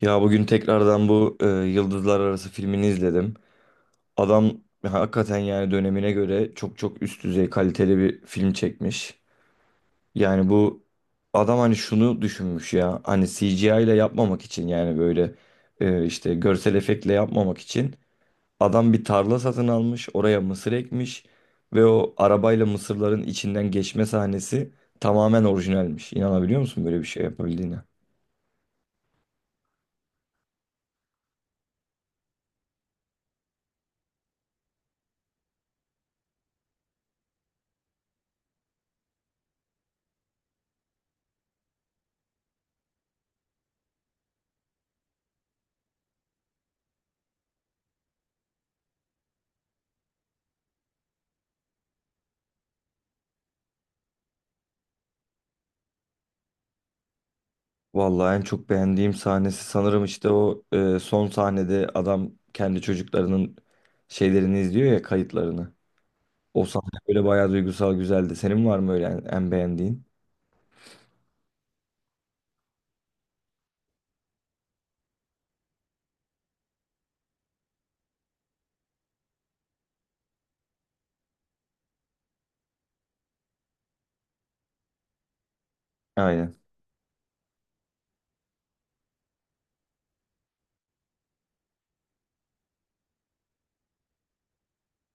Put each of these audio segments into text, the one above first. Ya bugün tekrardan bu Yıldızlar Arası filmini izledim. Adam hakikaten yani dönemine göre çok çok üst düzey kaliteli bir film çekmiş. Yani bu adam hani şunu düşünmüş ya hani CGI ile yapmamak için yani böyle işte görsel efektle yapmamak için adam bir tarla satın almış oraya mısır ekmiş ve o arabayla mısırların içinden geçme sahnesi tamamen orijinalmiş. İnanabiliyor musun böyle bir şey yapabildiğine? Vallahi en çok beğendiğim sahnesi sanırım işte o son sahnede adam kendi çocuklarının şeylerini izliyor ya kayıtlarını. O sahne böyle bayağı duygusal güzeldi. Senin var mı öyle en beğendiğin? Aynen.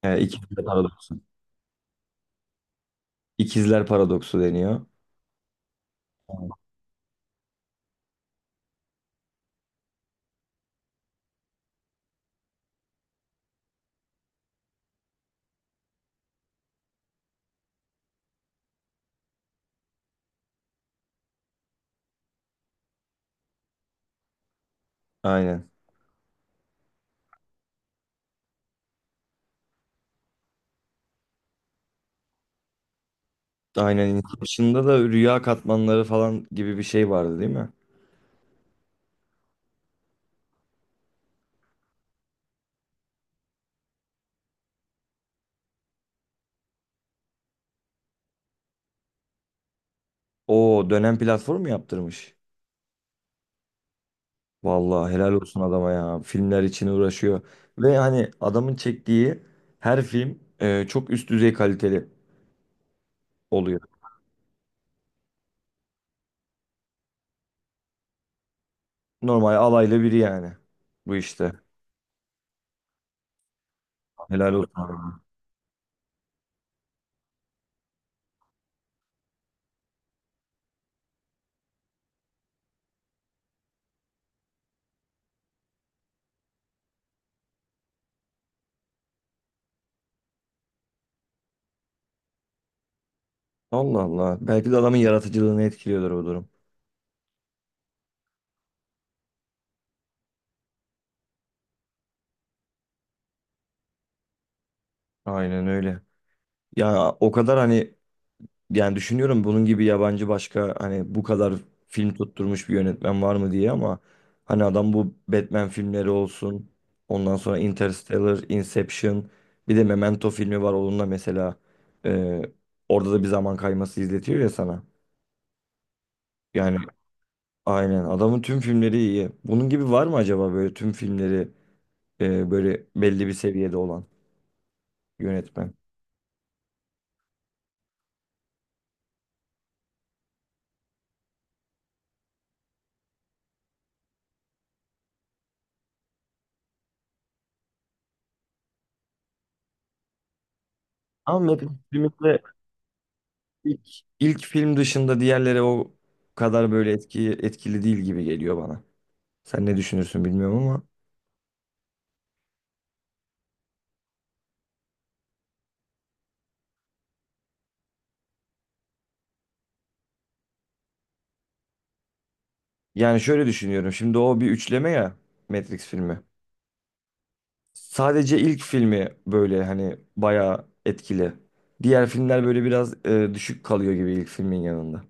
İkizler paradoksu. İkizler paradoksu deniyor. Aynen. Aynen. Aynen. Inception'da da rüya katmanları falan gibi bir şey vardı değil mi? O dönem platformu yaptırmış. Vallahi helal olsun adama ya. Filmler için uğraşıyor. Ve hani adamın çektiği her film çok üst düzey kaliteli oluyor. Normal alaylı biri yani. Bu işte. Helal olsun adama. Allah Allah. Belki de adamın yaratıcılığını etkiliyordur bu durum. Aynen öyle. Ya o kadar hani yani düşünüyorum bunun gibi yabancı başka hani bu kadar film tutturmuş bir yönetmen var mı diye ama hani adam bu Batman filmleri olsun. Ondan sonra Interstellar, Inception, bir de Memento filmi var onunla mesela e, orada da bir zaman kayması izletiyor ya sana. Yani aynen adamın tüm filmleri iyi. Bunun gibi var mı acaba böyle tüm filmleri böyle belli bir seviyede olan yönetmen? Ama Matt Smith'le İlk, ilk film dışında diğerleri o kadar böyle etkili değil gibi geliyor bana. Sen ne düşünürsün bilmiyorum ama. Yani şöyle düşünüyorum. Şimdi o bir üçleme ya Matrix filmi. Sadece ilk filmi böyle hani bayağı etkili. Diğer filmler böyle biraz düşük kalıyor gibi ilk filmin yanında.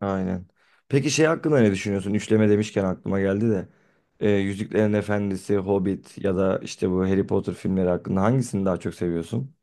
Aynen. Peki şey hakkında ne düşünüyorsun? Üçleme demişken aklıma geldi de. Yüzüklerin Efendisi, Hobbit ya da işte bu Harry Potter filmleri hakkında hangisini daha çok seviyorsun?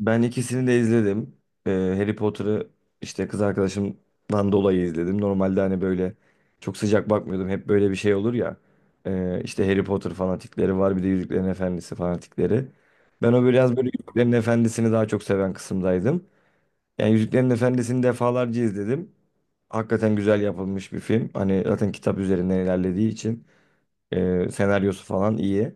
Ben ikisini de izledim. Harry Potter'ı işte kız arkadaşımdan dolayı izledim. Normalde hani böyle çok sıcak bakmıyordum. Hep böyle bir şey olur ya. İşte Harry Potter fanatikleri var bir de Yüzüklerin Efendisi fanatikleri. Ben o biraz böyle Yüzüklerin Efendisi'ni daha çok seven kısımdaydım. Yani Yüzüklerin Efendisi'ni defalarca izledim. Hakikaten güzel yapılmış bir film. Hani zaten kitap üzerinden ilerlediği için senaryosu falan iyi.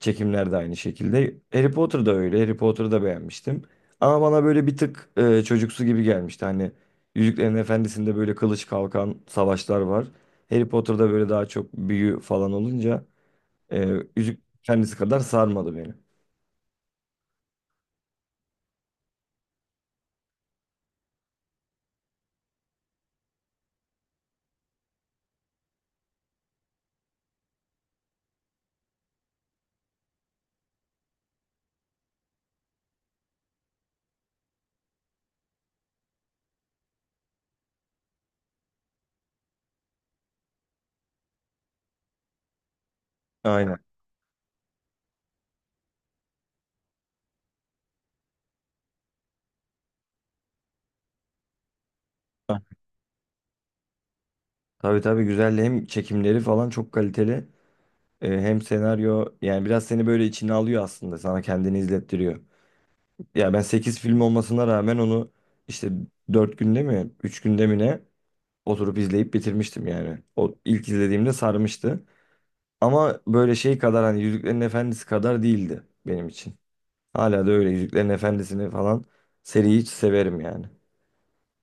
Çekimler de aynı şekilde. Harry Potter da öyle. Harry Potter'ı da beğenmiştim. Ama bana böyle bir tık çocuksu gibi gelmişti. Hani Yüzüklerin Efendisi'nde böyle kılıç kalkan savaşlar var. Harry Potter'da böyle daha çok büyü falan olunca e, Yüzüklerin Efendisi kadar sarmadı beni. Aynen. Ha, tabii tabii güzel. Hem çekimleri falan çok kaliteli. Hem senaryo yani biraz seni böyle içine alıyor aslında. Sana kendini izlettiriyor. Ya ben 8 film olmasına rağmen onu işte 4 günde mi 3 günde mi ne oturup izleyip bitirmiştim yani. O ilk izlediğimde sarmıştı. Ama böyle şey kadar hani Yüzüklerin Efendisi kadar değildi benim için. Hala da öyle Yüzüklerin Efendisi'ni falan seriyi hiç severim yani.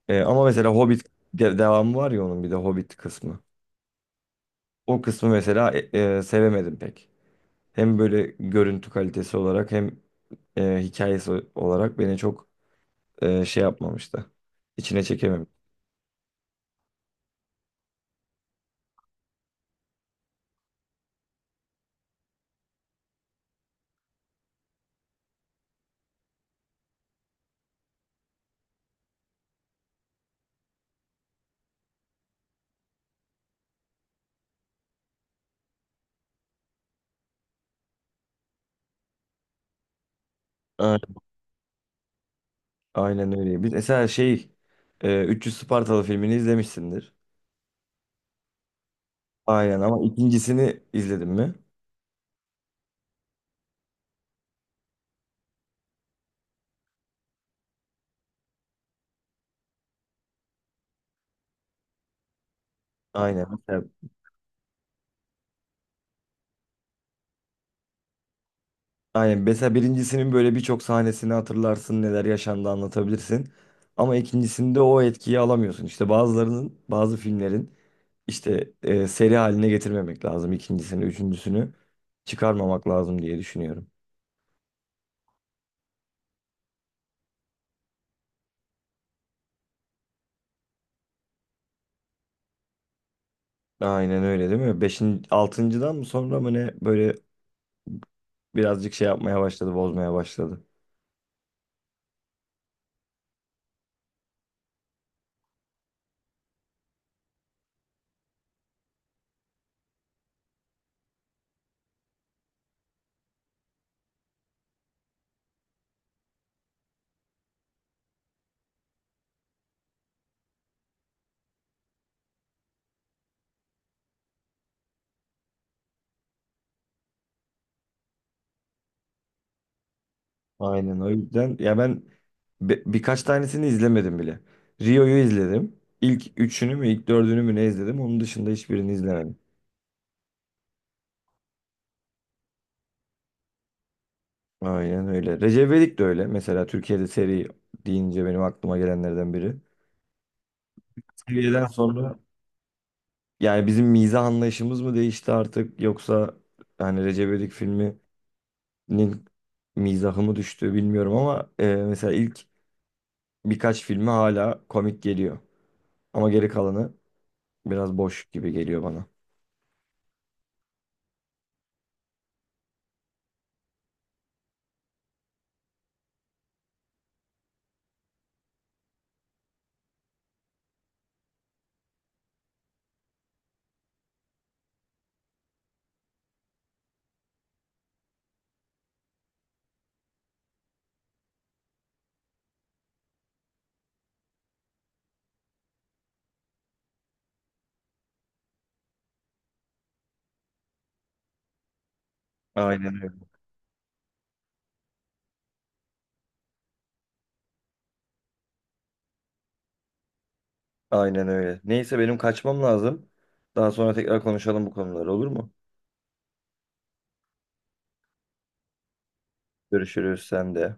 Ama mesela Hobbit devamı var ya onun bir de Hobbit kısmı. O kısmı mesela sevemedim pek. Hem böyle görüntü kalitesi olarak hem hikayesi olarak beni çok şey yapmamıştı. İçine çekememiş. Aynen, aynen öyle. Biz mesela şey 300 Spartalı filmini izlemişsindir. Aynen ama ikincisini izledin mi? Aynen. Mesela, aynen. Mesela birincisinin böyle birçok sahnesini hatırlarsın, neler yaşandı anlatabilirsin. Ama ikincisinde o etkiyi alamıyorsun. İşte bazılarının, bazı filmlerin İşte seri haline getirmemek lazım. İkincisini, üçüncüsünü çıkarmamak lazım diye düşünüyorum. Aynen öyle değil mi? Beşinci, altıncıdan mı sonra mı ne böyle birazcık şey yapmaya başladı, bozmaya başladı. Aynen o yüzden ya ben birkaç tanesini izlemedim bile. Rio'yu izledim. İlk üçünü mü ilk dördünü mü ne izledim. Onun dışında hiçbirini izlemedim. Aynen öyle. Recep İvedik de öyle. Mesela Türkiye'de seri deyince benim aklıma gelenlerden biri. Seviyeden sonra yani bizim mizah anlayışımız mı değişti artık yoksa hani Recep İvedik filminin mizahı mı düştü bilmiyorum ama mesela ilk birkaç filmi hala komik geliyor. Ama geri kalanı biraz boş gibi geliyor bana. Aynen öyle. Aynen öyle. Neyse benim kaçmam lazım. Daha sonra tekrar konuşalım bu konuları olur mu? Görüşürüz sen de.